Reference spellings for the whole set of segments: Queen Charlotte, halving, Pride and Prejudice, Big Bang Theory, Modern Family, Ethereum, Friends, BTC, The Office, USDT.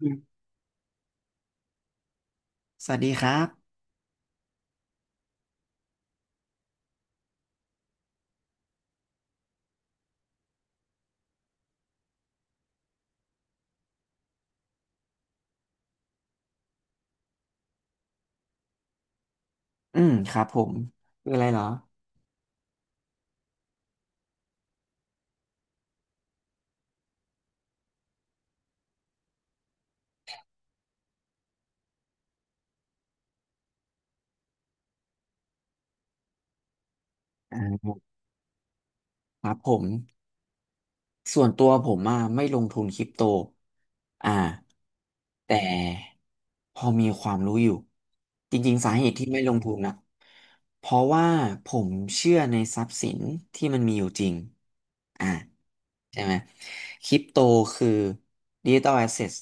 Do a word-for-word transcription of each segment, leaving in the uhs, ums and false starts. อืมสวัสดีครับ อืม ครับผมคืออะไรเหรออ่าครับผม ส่วนตัวผมอ่ะไม่ลงทุนคริปโตอ่าแต่พอมีความรู้อยู่ จริงๆสาเหตุที่ไม่ลงทุนนะ เพราะว่าผมเชื่อในทรัพย์สินที่มันมีอยู่จริงอ่าใช่ไหมคริปโตคือดิจิตอลแอสเซท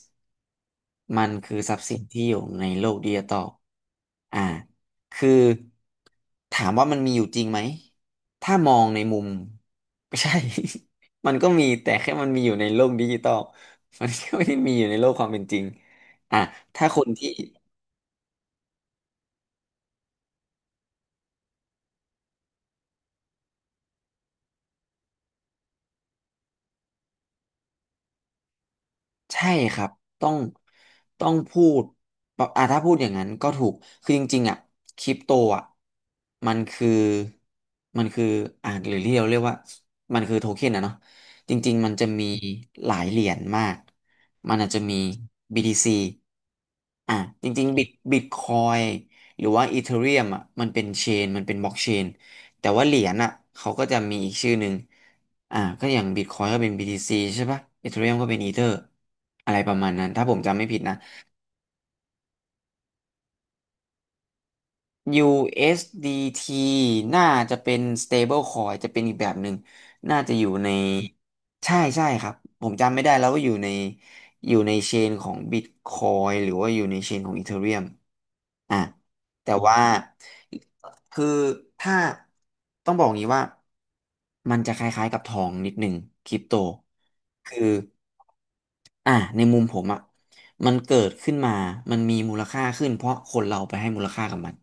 มันคือทรัพย์สินที่อยู่ในโลกดิจิตอลอ่าคือถามว่ามันมีอยู่จริงไหมถ้ามองในมุมไม่ใช่ มันก็มีแต่แค่มันมีอยู่ในโลกดิจิตอลมันก็ไม่ได้มีอยู่ในโลกความเป็นจริงอ่ะถ้าคนที่ ใช่ครับต้องต้องพูดแบบอ่ะถ้าพูดอย่างนั้นก็ถูกคือจริงๆอ่ะคริปโตอ่ะมันคือมันคืออ่ะหรือที่เราเรียกว่ามันคือโทเค็นอะเนาะจริงๆมันจะมีหลายเหรียญมากมันอาจจะมี บี ที ซี อ่ะจริงๆบิตบิตคอยหรือว่าอีเธอเรียมอ่ะมันเป็นเชนมันเป็นบล็อกเชนแต่ว่าเหรียญอ่ะเขาก็จะมีอีกชื่อหนึ่ง อ่าก็อย่างบิตคอยก็เป็น บี ที ซี ใช่ปะเอ h เ r ียมก็เป็นอีเธออะไรประมาณนั้นถ้าผมจำไม่ผิดนะ ยู เอส ดี ที น่าจะเป็น stable coin จะเป็นอีกแบบหนึ่งน่าจะอยู่ในใช่ใช่ครับผมจำไม่ได้แล้วว่าอยู่ในอยู่ในเชนของ Bitcoin หรือว่าอยู่ในเชนของ Ethereum อ่ะแต่ว่าคือถ้าต้องบอกอย่างนี้ว่ามันจะคล้ายๆกับทองนิดหนึ่งคริปโตคือ อ่ะในมุมผมอ่ะมันเกิดขึ้นมามันมีมูลค่าขึ้นเพราะคนเราไปให้มูลค่ากับมัน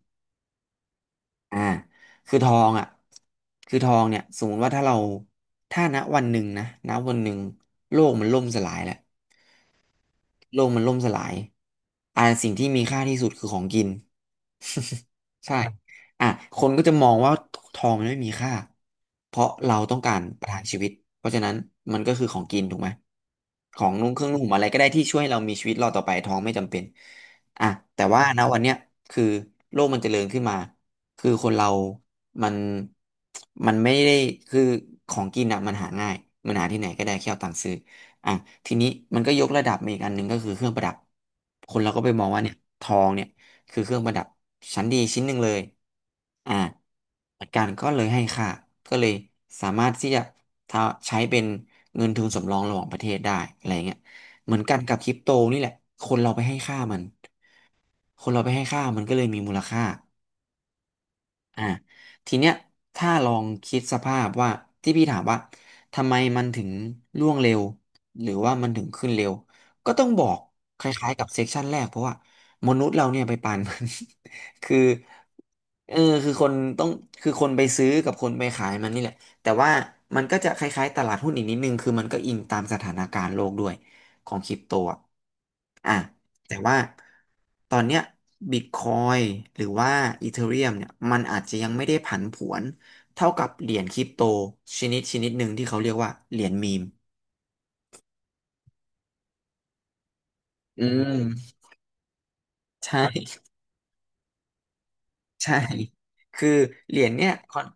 อ่าคือทองอ่ะคือทองเนี่ยสมมติว่าถ้าเราถ้าณวันหนึ่งนะณวันหนึ่งโลกมันล่มสลายแหละ โลกมันล่มสลายอ่าสิ่งที่มีค่าที่สุดคือของกิน ใช่อ่ะคนก็จะมองว่าทองมันไม่มีค่า เพราะเราต้องการประทังชีวิต เพราะฉะนั้นมันก็คือของกินถูกไหม ของนุ่งเครื่องนุ่งห่มอะไรก็ได้ที่ช่วยให้เรามีชีวิตรอดต่อไปทองไม่จำเป็นอ่ะแต่ว่านะวันเนี้ยคือโลกมันเจริญขึ้นมาคือคนเรามันมันไม่ได้คือของกินอ่ะมันหาง่ายมันหาที่ไหนก็ได้แค่เอาตังค์ซื้อ อ่ะทีนี้มันก็ยกระดับมาอีกอันหนึ่งก็คือเครื่องประดับคนเราก็ไปมองว่าเนี่ยทองเนี่ยคือเครื่องประดับชั้นดีชิ้นหนึ่งเลยอ่าหลักการก็เลยให้ค่าก็เลยสามารถที่จะทาใช้เป็นเงินทุนสำรองระหว่างประเทศได้อะไรเงี้ยเหมือนกันกับคริปโตนี่แหละคนเราไปให้ค่ามันคนเราไปให้ค่ามันก็เลยมีมูลค่า อ่าทีเนี้ยถ้าลองคิดสภาพว่าที่พี่ถามว่าทำไมมันถึงร่วงเร็วหรือว่ามันถึงขึ้นเร็วก็ต้องบอกคล้ายๆกับเซกชันแรกเพราะว่ามนุษย์เราเนี่ยไปปันมัน คือเออคือคนต้องคือคนไปซื้อกับคนไปขายมันนี่แหละแต่ว่ามันก็จะคล้ายๆตลาดหุ้นอีกนิดนึงคือมันก็อิงตามสถานการณ์โลกด้วยของคริปโตอะอ่ะ แต่ว่าตอนเนี้ยบิตคอยหรือว่าอีเธอเรียมเนี่ยมันอาจจะยังไม่ได้ผันผวนเท่ากับเหรียญคริปโตชนิดชนิดหนึ่งที่เขาเรียกว่าเหรียญมีมอืมใช่ใช่คือเหรียญเนี่ยคอน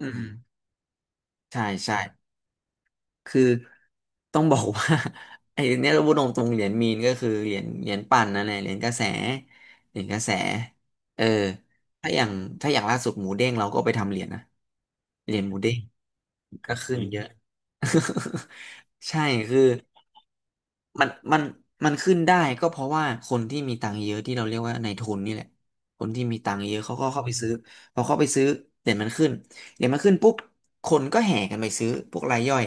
อืมใช่ใช่คือต้องบอกว่า ไอ้เนี่ยเราพูดตรงๆเหรียญมีนก็คือเหรียญเหรียญปั่นนั่นแหละเหรียญกระแสเหรียญกระแสเออถ้าอย่างถ้าอย่างล่าสุดหมูเด้งเราก็ไปทำเหรียญนะเหรียญหมูเด้ง ก็ขึ้นเยอะ ใช่คือมันมันมันขึ้นได้ก็เพราะว่าคนที่มีตังค์เยอะที่เราเรียกว่าในายทุนนี่แหละคนที่มีตังค์เยอะเขาก็เข้าไปซื้อพอเข้าไปซื้อเหรียญมันขึ้นเหรียญมันขึ้นปุ๊บคนก็แห่กันไปซื้อพวกรายย่อย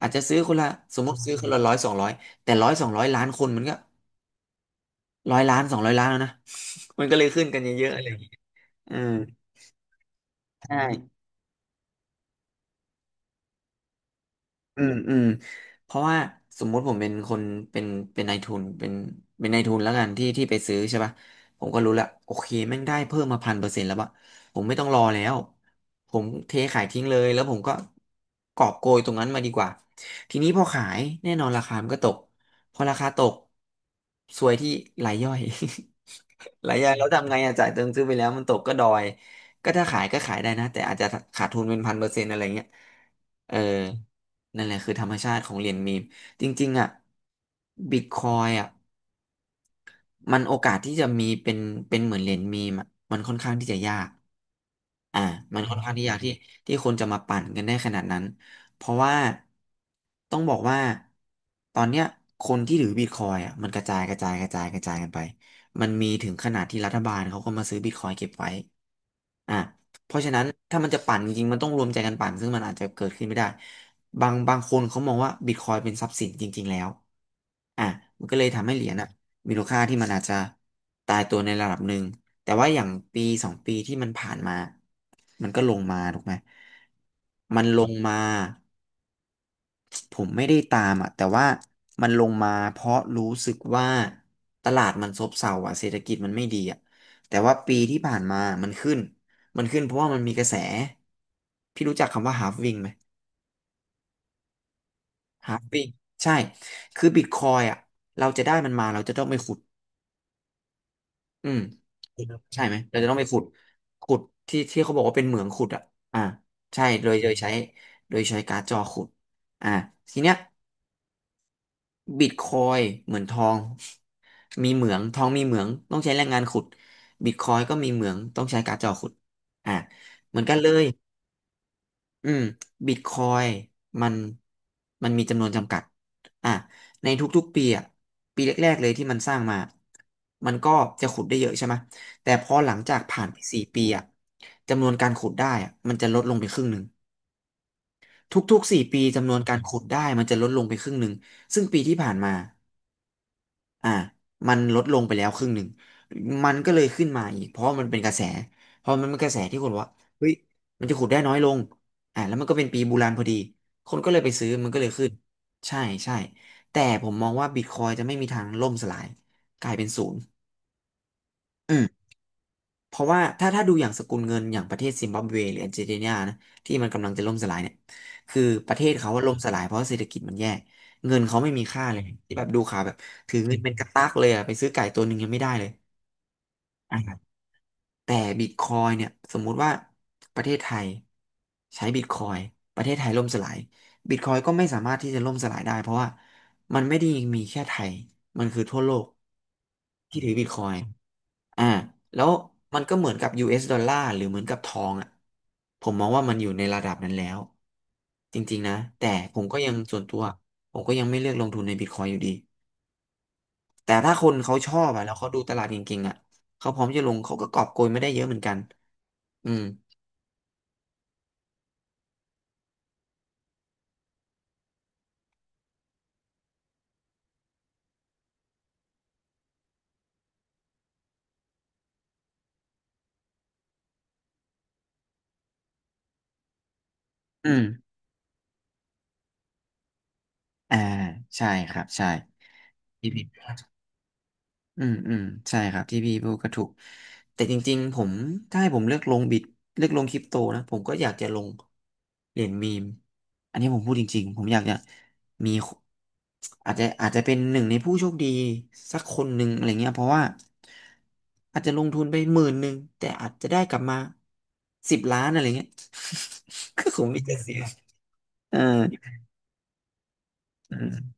อาจจะซื้อคนละสมมติซื้อคนละร้อยสองร้อยแต่ร้อยสองร้อยล้านคนมันก็ร้อยล้านสองร้อยล้านแล้วนะ มันก็เลยขึ้นกันเยอะๆอะไรอย่างงี้อืมใช่ อืมอืมเพราะว่าสมมุติผมเป็นคนเป็นเป็นนายทุนเป็นเป็นนายทุนแล้วกันที่ที่ไปซื้อใช่ป่ะผมก็รู้ละโอเคแม่งได้เพิ่มมาพันเปอร์เซ็นต์แล้วปะผมไม่ต้องรอแล้วผมเทขายทิ้งเลยแล้วผมก็กอบโกยตรงนั้นมาดีกว่าทีนี้พอขายแน่นอนราคามันก็ตกพอราคาตกซวยที่รายย่อย รายย่อยแล้วทำไงอะจ่ายเติมซื้อไปแล้วมันตกก็ดอยก็ถ้าขายก็ขายได้นะแต่อาจจะขาดทุนเป็นพันเปอร์เซ็นต์อะไรเงี้ย เออนั่นแหละคือธรรมชาติของเหรียญมีม จริงๆอ่ะบิตคอยอ่ะ มันโอกาสที่จะมีเป็นเป็นเหมือนเหรียญมีมอะมันค่อนข้างที่จะยากอ่ามันค่อนข้างที่ยากที่ที่คนจะมาปั่นกันได้ขนาดนั้นเพราะว่าต้องบอกว่าตอนเนี้ยคนที่ถือบิตคอยอ่ะมันกระจายกระจายกระจายกระจายกันไปมันมีถึงขนาดที่รัฐบาลเขาก็มาซื้อบิตคอยเก็บไว้อ่ะเพราะฉะนั้นถ้ามันจะปั่นจริงๆมันต้องรวมใจกันปั่นซึ่งมันอาจจะเกิดขึ้นไม่ได้บางบางคนเขามองว่าบิตคอยเป็นทรัพย์สินจริงๆแล้วอ่ะมันก็เลยทำให้เหรียญอ่ะ มูลค่าที่มันอาจจะตายตัวในระดับหนึ่งแต่ว่าอย่างปีสองปีที่มันผ่านมามันก็ลงมาถูกไหม มันลงมาผมไม่ได้ตามอ่ะแต่ว่ามันลงมาเพราะรู้สึกว่าตลาดมันซบเซาอ่ะเศรษฐกิจมันไม่ดีอ่ะแต่ว่าปีที่ผ่านมามันขึ้น มันขึ้นเพราะว่ามันมีกระแสพี่รู้จักคำว่า halving ไหม halving ใช่คือบิตคอยอ่ะเราจะได้มันมาเราจะต้องไปขุด อืมใช่ไหมเราจะต้องไปขุดขุดที่ที่เขาบอกว่าเป็นเหมืองขุดอ่ะอ่าใช่โดยโดยใช้โดยใช้การ์ดจอขุดอ่าทีเนี้ยบิตคอยเหมือนทองมีเหมืองทองมีเหมืองต้องใช้แรงงานขุดบิตคอยก็มีเหมืองต้องใช้การ์ดจอขุดอ่าเหมือนกันเลย อืมบิตคอยมันมันมีจำนวนจำกัดอ่ะในทุกๆปีอ่ะปีแรกๆเลยที่มันสร้างมามันก็จะขุดได้เยอะใช่ไหมแต่พอหลังจากผ่านไปสี่ปีอ่ะจำนวนการขุดได้อ่ะมันจะลดลงไปครึ่งหนึ่งทุกๆสี่ปีจำนวนการขุดได้มันจะลดลงไปครึ่งหนึ่งซึ่งปีที่ผ่านมา อ่ามันลดลงไปแล้วครึ่งหนึ่ง มันก็เลยขึ้นมาอีกเพราะมันเป็นกระแส เพราะมันเป็นกระแสที่คนว่าเฮ้ยมันจะขุดได้น้อยลงอ่าแล้วมันก็เป็นปีบูรานพอดี คนก็เลยไปซื้อมันก็เลยขึ้น ใช่ใช่แต่ผมมองว่าบิตคอยจะไม่มีทางล่มสลายกลายเป็นศูนย์อืม เพราะว่าถ้าถ้าดูอย่างสกุลเงินอย่างประเทศซิมบับเวหรืออาร์เจนตินานะที่มันกำลังจะล่มสลายเนี่ยคือประเทศเขาว่าล่มสลายเพราะเศรษฐกิจมันแย่เงินเขาไม่มีค่าเลยที่แบบดูข่าวแบบถือเงินเป็นกระตักเลยอะไปซื้อไก่ตัวหนึ่งยังไม่ได้เลยอ่ะแต่บิตคอยเนี่ยสมมุติว่าประเทศไทยใช้บิตคอยประเทศไทยล่มสลายบิตคอยก็ไม่สามารถที่จะล่มสลายได้เพราะว่ามันไม่ได้มีแค่ไทยมันคือทั่วโลกที่ถือบิตคอย อ่าแล้วมันก็เหมือนกับ ยู เอส ดอลลาร์หรือเหมือนกับทองอ่ะผมมองว่ามันอยู่ในระดับนั้นแล้วจริงๆนะแต่ผมก็ยังส่วนตัวผมก็ยังไม่เลือกลงทุนในบิตคอยอยู่ดีแต่ถ้าคนเขาชอบอ่ะแล้วเขาดูตลาดเก่งๆอ่ะเขาพร้อมจะลงเขาก็กอบโกยไม่ได้เยอะเหมือนกันอืมอืมอ่าใช่ครับใช่พี่ผิด อืมอืมใช่ครับที่พี่พูดก็ถูกแต่จริงๆผมถ้าให้ผมเลือกลงบิตเลือกลงคริปโตนะผมก็อยากจะลงเหรียญมีมอันนี้ผมพูดจริงๆผมอยากจะมีอาจจะอาจจะเป็นหนึ่งในผู้โชคดีสักคนหนึ่งอะไรเงี้ยเพราะว่าอาจจะลงทุนไปหมื่นหนึ่งแต่อาจจะได้กลับมาสิบล้านอะไรเงี้ย ก็คงไมแต่จะเสียเอออืม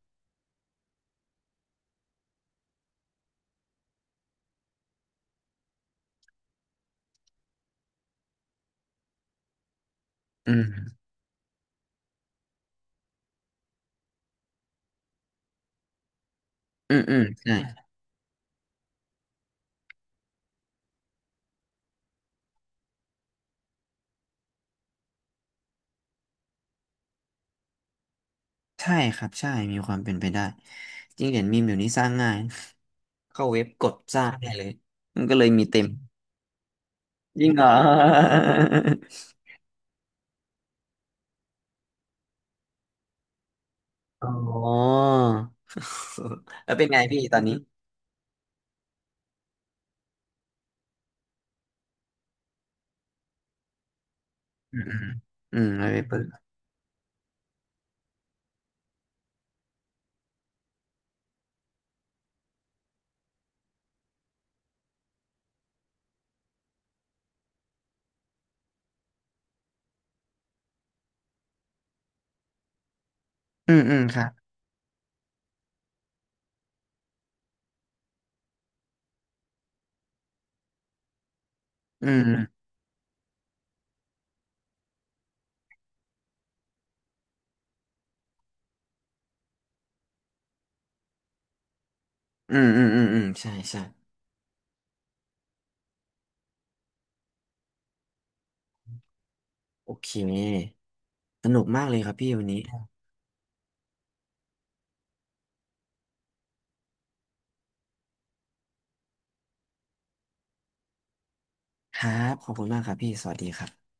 อืมอืมอืมใช่ ใช่ครับใช่มีความเป็นไปได้จริงเหรียญมีมเดี๋ยวนี้สร้างง่าย เข้าเว็บกดสร้างได้เลยมันก็เลยมีเต็มจริงเหรอ อ๋อแล้วเป็นไงพี่ตอนนี้อืมอืมอืมแล้วไปเปิดอืมอืมครับอืมอืมอืมอืมอืมใช่ใช่โอเคสนุกมากเลยครับพี่วันนี้ครับขอบคุณมากครับพี่สวัสดีครับ